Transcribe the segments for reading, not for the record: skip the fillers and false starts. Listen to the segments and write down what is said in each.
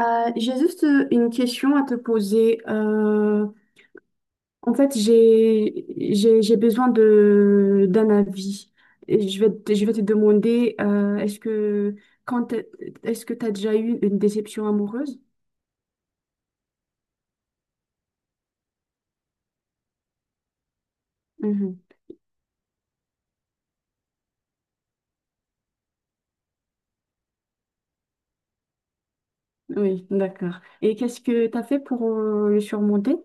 J'ai juste une question à te poser. En fait, j'ai besoin d'un avis. Et je vais te demander, quand t'es- est-ce que tu as déjà eu une déception amoureuse? Mhm. Oui, d'accord. Et qu'est-ce que tu as fait pour le surmonter?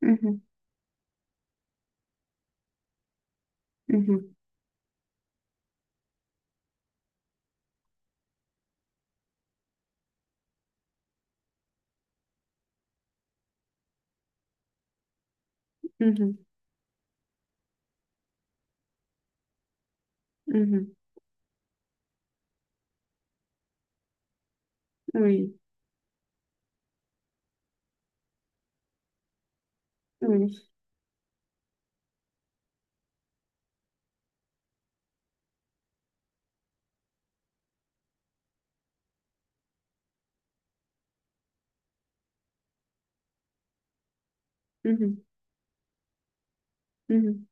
Mhm, mhm, mhm, mhm. Oui, oui. Mhm, mhm.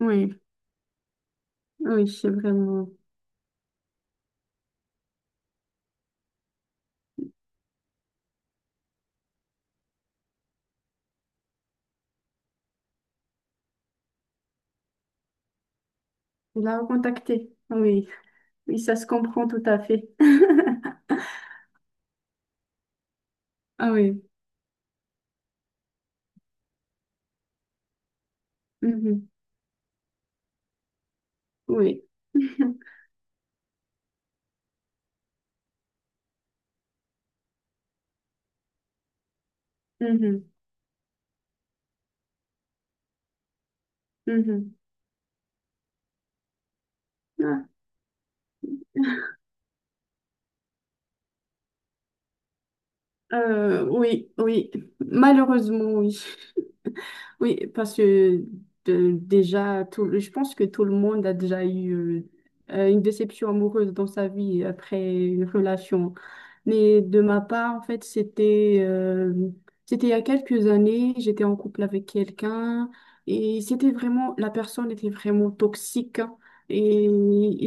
Oui, oui, c'est vraiment. Il a contacté. Oui, oui, ça se comprend tout à fait. Ah oui. Mhm. Oui. Mhm. Mhm. Ah. Oui, oui, malheureusement, oui. Oui, parce que déjà, je pense que tout le monde a déjà eu une déception amoureuse dans sa vie après une relation. Mais de ma part, en fait, c'était il y a quelques années, j'étais en couple avec quelqu'un et c'était vraiment, la personne était vraiment toxique, hein. Et,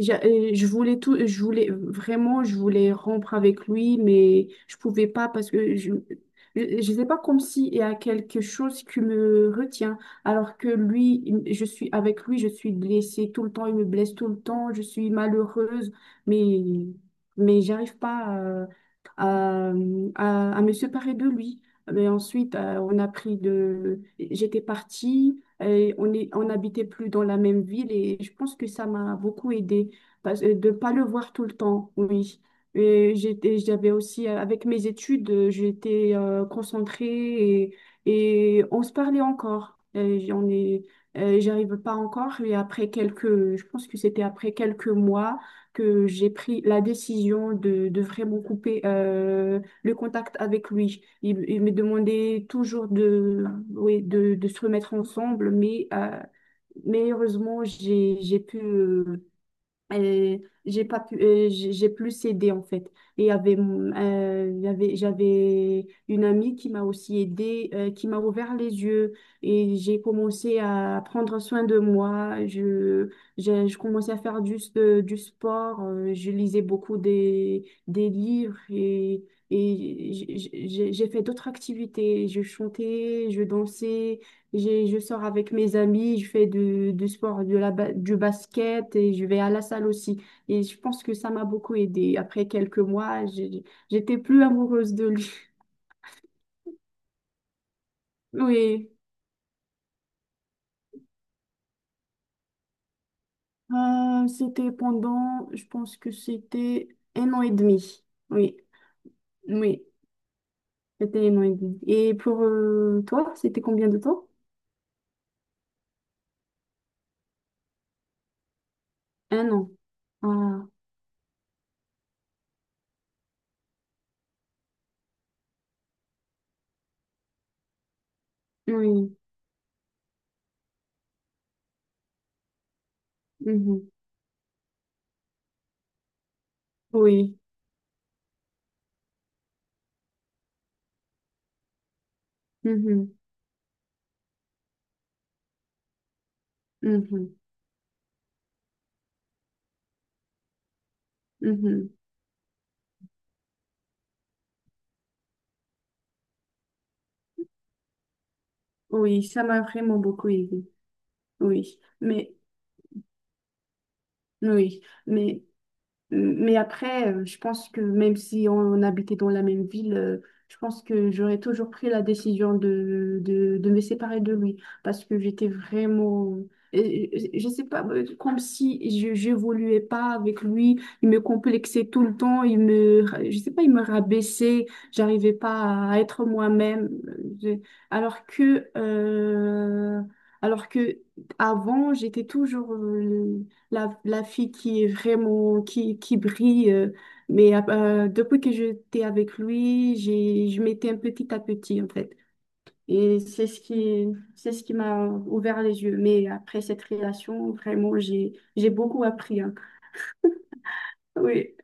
et je voulais rompre avec lui, mais je pouvais pas parce que je sais pas, comme si il y a quelque chose qui me retient, alors que lui, je suis avec lui, je suis blessée tout le temps, il me blesse tout le temps, je suis malheureuse, mais j'arrive pas à me séparer de lui. Mais ensuite, on a pris de... J'étais partie, et on n'habitait plus dans la même ville et je pense que ça m'a beaucoup aidée de ne pas le voir tout le temps, oui. J'avais aussi, avec mes études, j'étais concentrée, et on se parlait encore. J'arrive pas encore, mais je pense que c'était après quelques mois que j'ai pris la décision de vraiment couper le contact avec lui. Il me demandait toujours oui, de se remettre ensemble, mais heureusement, j'ai pu, et j'ai pas pu, j'ai plus aidé en fait. J'avais une amie qui m'a aussi aidée, qui m'a ouvert les yeux et j'ai commencé à prendre soin de moi. Je commençais à faire du sport, je lisais beaucoup des livres, et j'ai fait d'autres activités. Je chantais, je dansais. Je sors avec mes amis, je fais du sport, du basket et je vais à la salle aussi. Et je pense que ça m'a beaucoup aidée. Après quelques mois, j'étais plus amoureuse de lui. Oui. Je pense que c'était un an et demi. Oui, oui, c'était un an et demi. Et pour toi, c'était combien de temps? Un an. Ah, oui, mhm. Oui, mhm. Mhm. Mhm. Oui, ça m'a vraiment beaucoup aidée. Oui, mais. Oui, mais, après, je pense que même si on habitait dans la même ville, je pense que j'aurais toujours pris la décision de me séparer de lui parce que j'étais vraiment, je sais pas, comme si je j'évoluais pas avec lui, il me complexait tout le temps, je sais pas, il me rabaissait, j'arrivais pas à être moi-même, alors que, euh, alors que avant, j'étais toujours, la fille qui est vraiment, qui brille. Depuis que j'étais avec lui, je m'étais un petit à petit, en fait. Et c'est ce qui, c'est ce qui m'a ouvert les yeux. Mais après cette relation, vraiment, j'ai beaucoup appris, hein. Oui.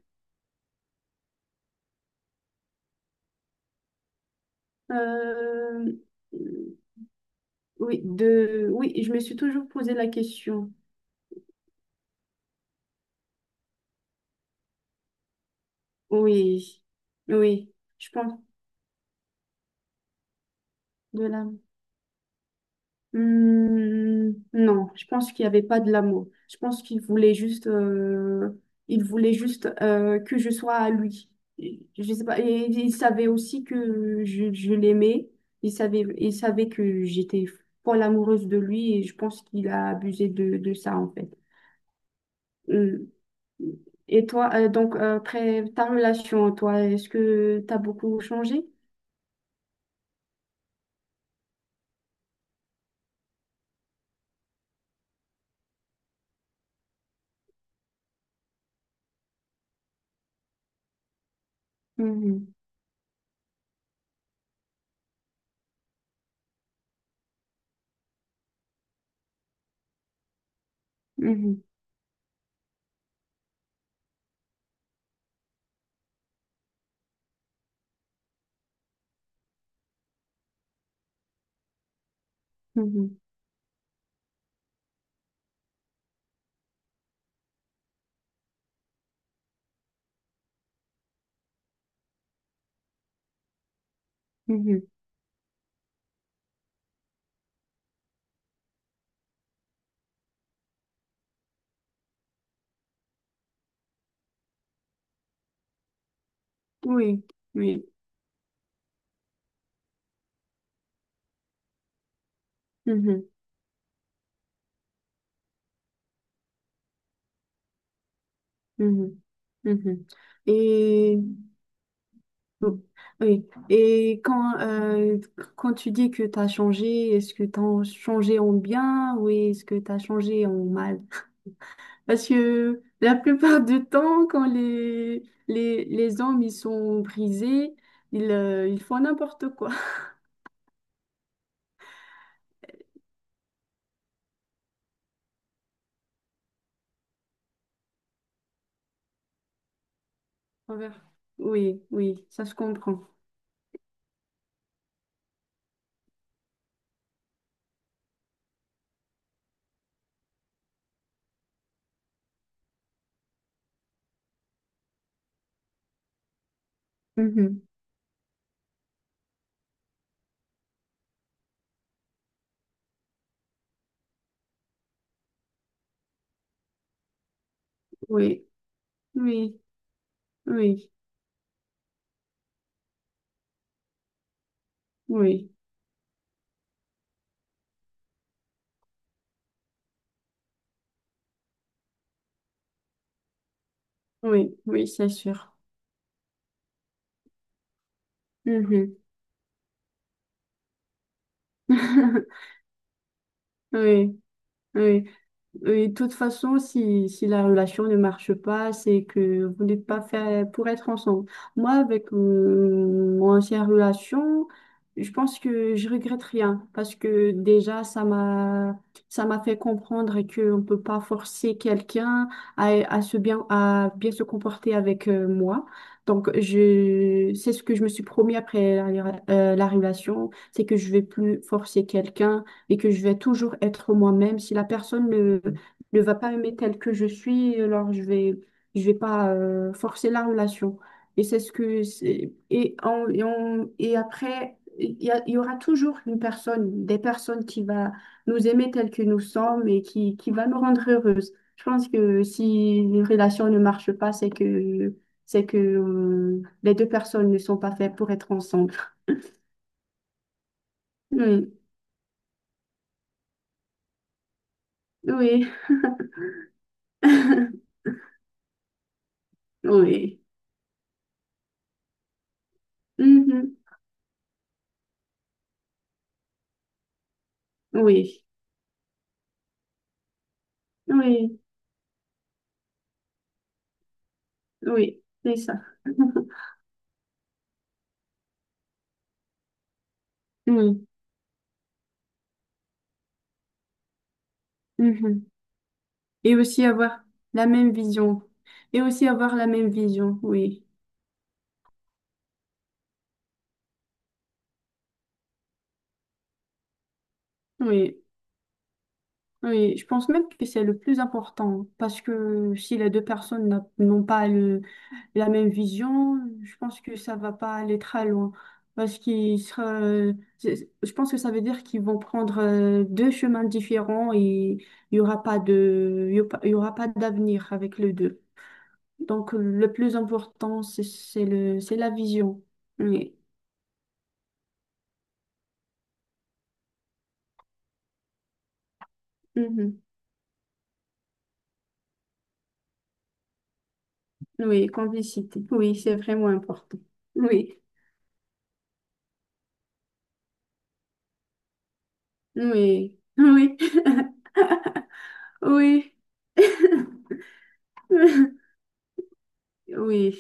Euh, oui, je me suis toujours posé la question. Oui, oui, je pense de là. Hmm, non, je pense qu'il n'y avait pas de l'amour. Je pense qu'il voulait juste, que je sois à lui. Je sais pas. Et il savait aussi que je l'aimais. Il savait que j'étais folle amoureuse de lui et je pense qu'il a abusé de ça en fait. Hmm. Et toi, donc après ta relation, toi, est-ce que tu as beaucoup changé? Mhm, mhm, mhm, mhm. Oui, oui. Mhm. Mhm. Mhm. Et bon, oui. Quand tu dis que tu as changé, est-ce que tu as changé en bien ou est-ce que tu as changé en mal? Parce que la plupart du temps, quand les hommes ils sont brisés, ils font n'importe quoi. Envers- Oui, oui, ça se comprend. Mhm. Oui, oui, oui, oui, oui, oui, c'est sûr. Mhm. Oui, oui. Et de toute façon, si la relation ne marche pas, c'est que vous n'êtes pas fait pour être ensemble. Moi, avec mon ancienne relation, je pense que je regrette rien parce que déjà, ça m'a fait comprendre qu'on ne peut pas forcer quelqu'un à bien se comporter avec moi. Donc, c'est ce que je me suis promis après la relation, c'est que je vais plus forcer quelqu'un et que je vais toujours être moi-même. Si la personne ne va pas aimer tel que je suis, alors je vais pas forcer la relation. Et c'est ce que c'est- Et après, il y aura toujours une personne, des personnes qui va nous aimer tel que nous sommes et qui va nous rendre heureuses. Je pense que si une relation ne marche pas, c'est que les deux personnes ne sont pas faites pour être ensemble. Oui, oui, oui. Mhm. Oui, oui, oui, c'est ça. Oui, mhm. Et aussi avoir la même vision. Et aussi avoir la même vision, oui. Oui, oui. Je pense même que c'est le plus important parce que si les deux personnes n'ont pas la même vision, je pense que ça va pas aller très loin. Parce qu'ils sera, c'est- Je pense que ça veut dire qu'ils vont prendre deux chemins différents et il y aura pas d'avenir avec les deux. Donc, le plus important, c'est la vision. Oui. Mhm. Oui, complicité. Oui, c'est vraiment important. Oui, oui, oui, oui, oui,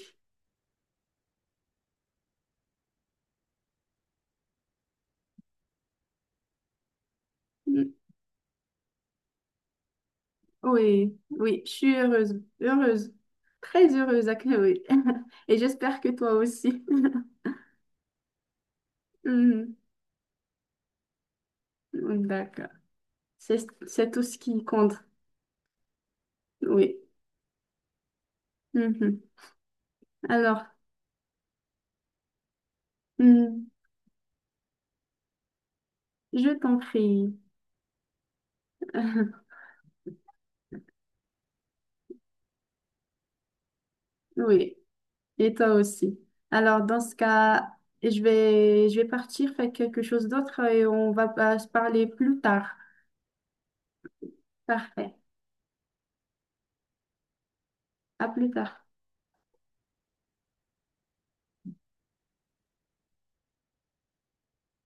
oui, oui. Je suis heureuse, heureuse, très heureuse à oui. Et j'espère que toi aussi. Mhm. Oui, d'accord. C'est tout ce qui compte. Oui. Mhm. Alors, mhm, je t'en prie. Oui. Et toi aussi. Alors, dans ce cas, je vais partir faire quelque chose d'autre et on va pas se parler plus tard. Parfait. À plus tard.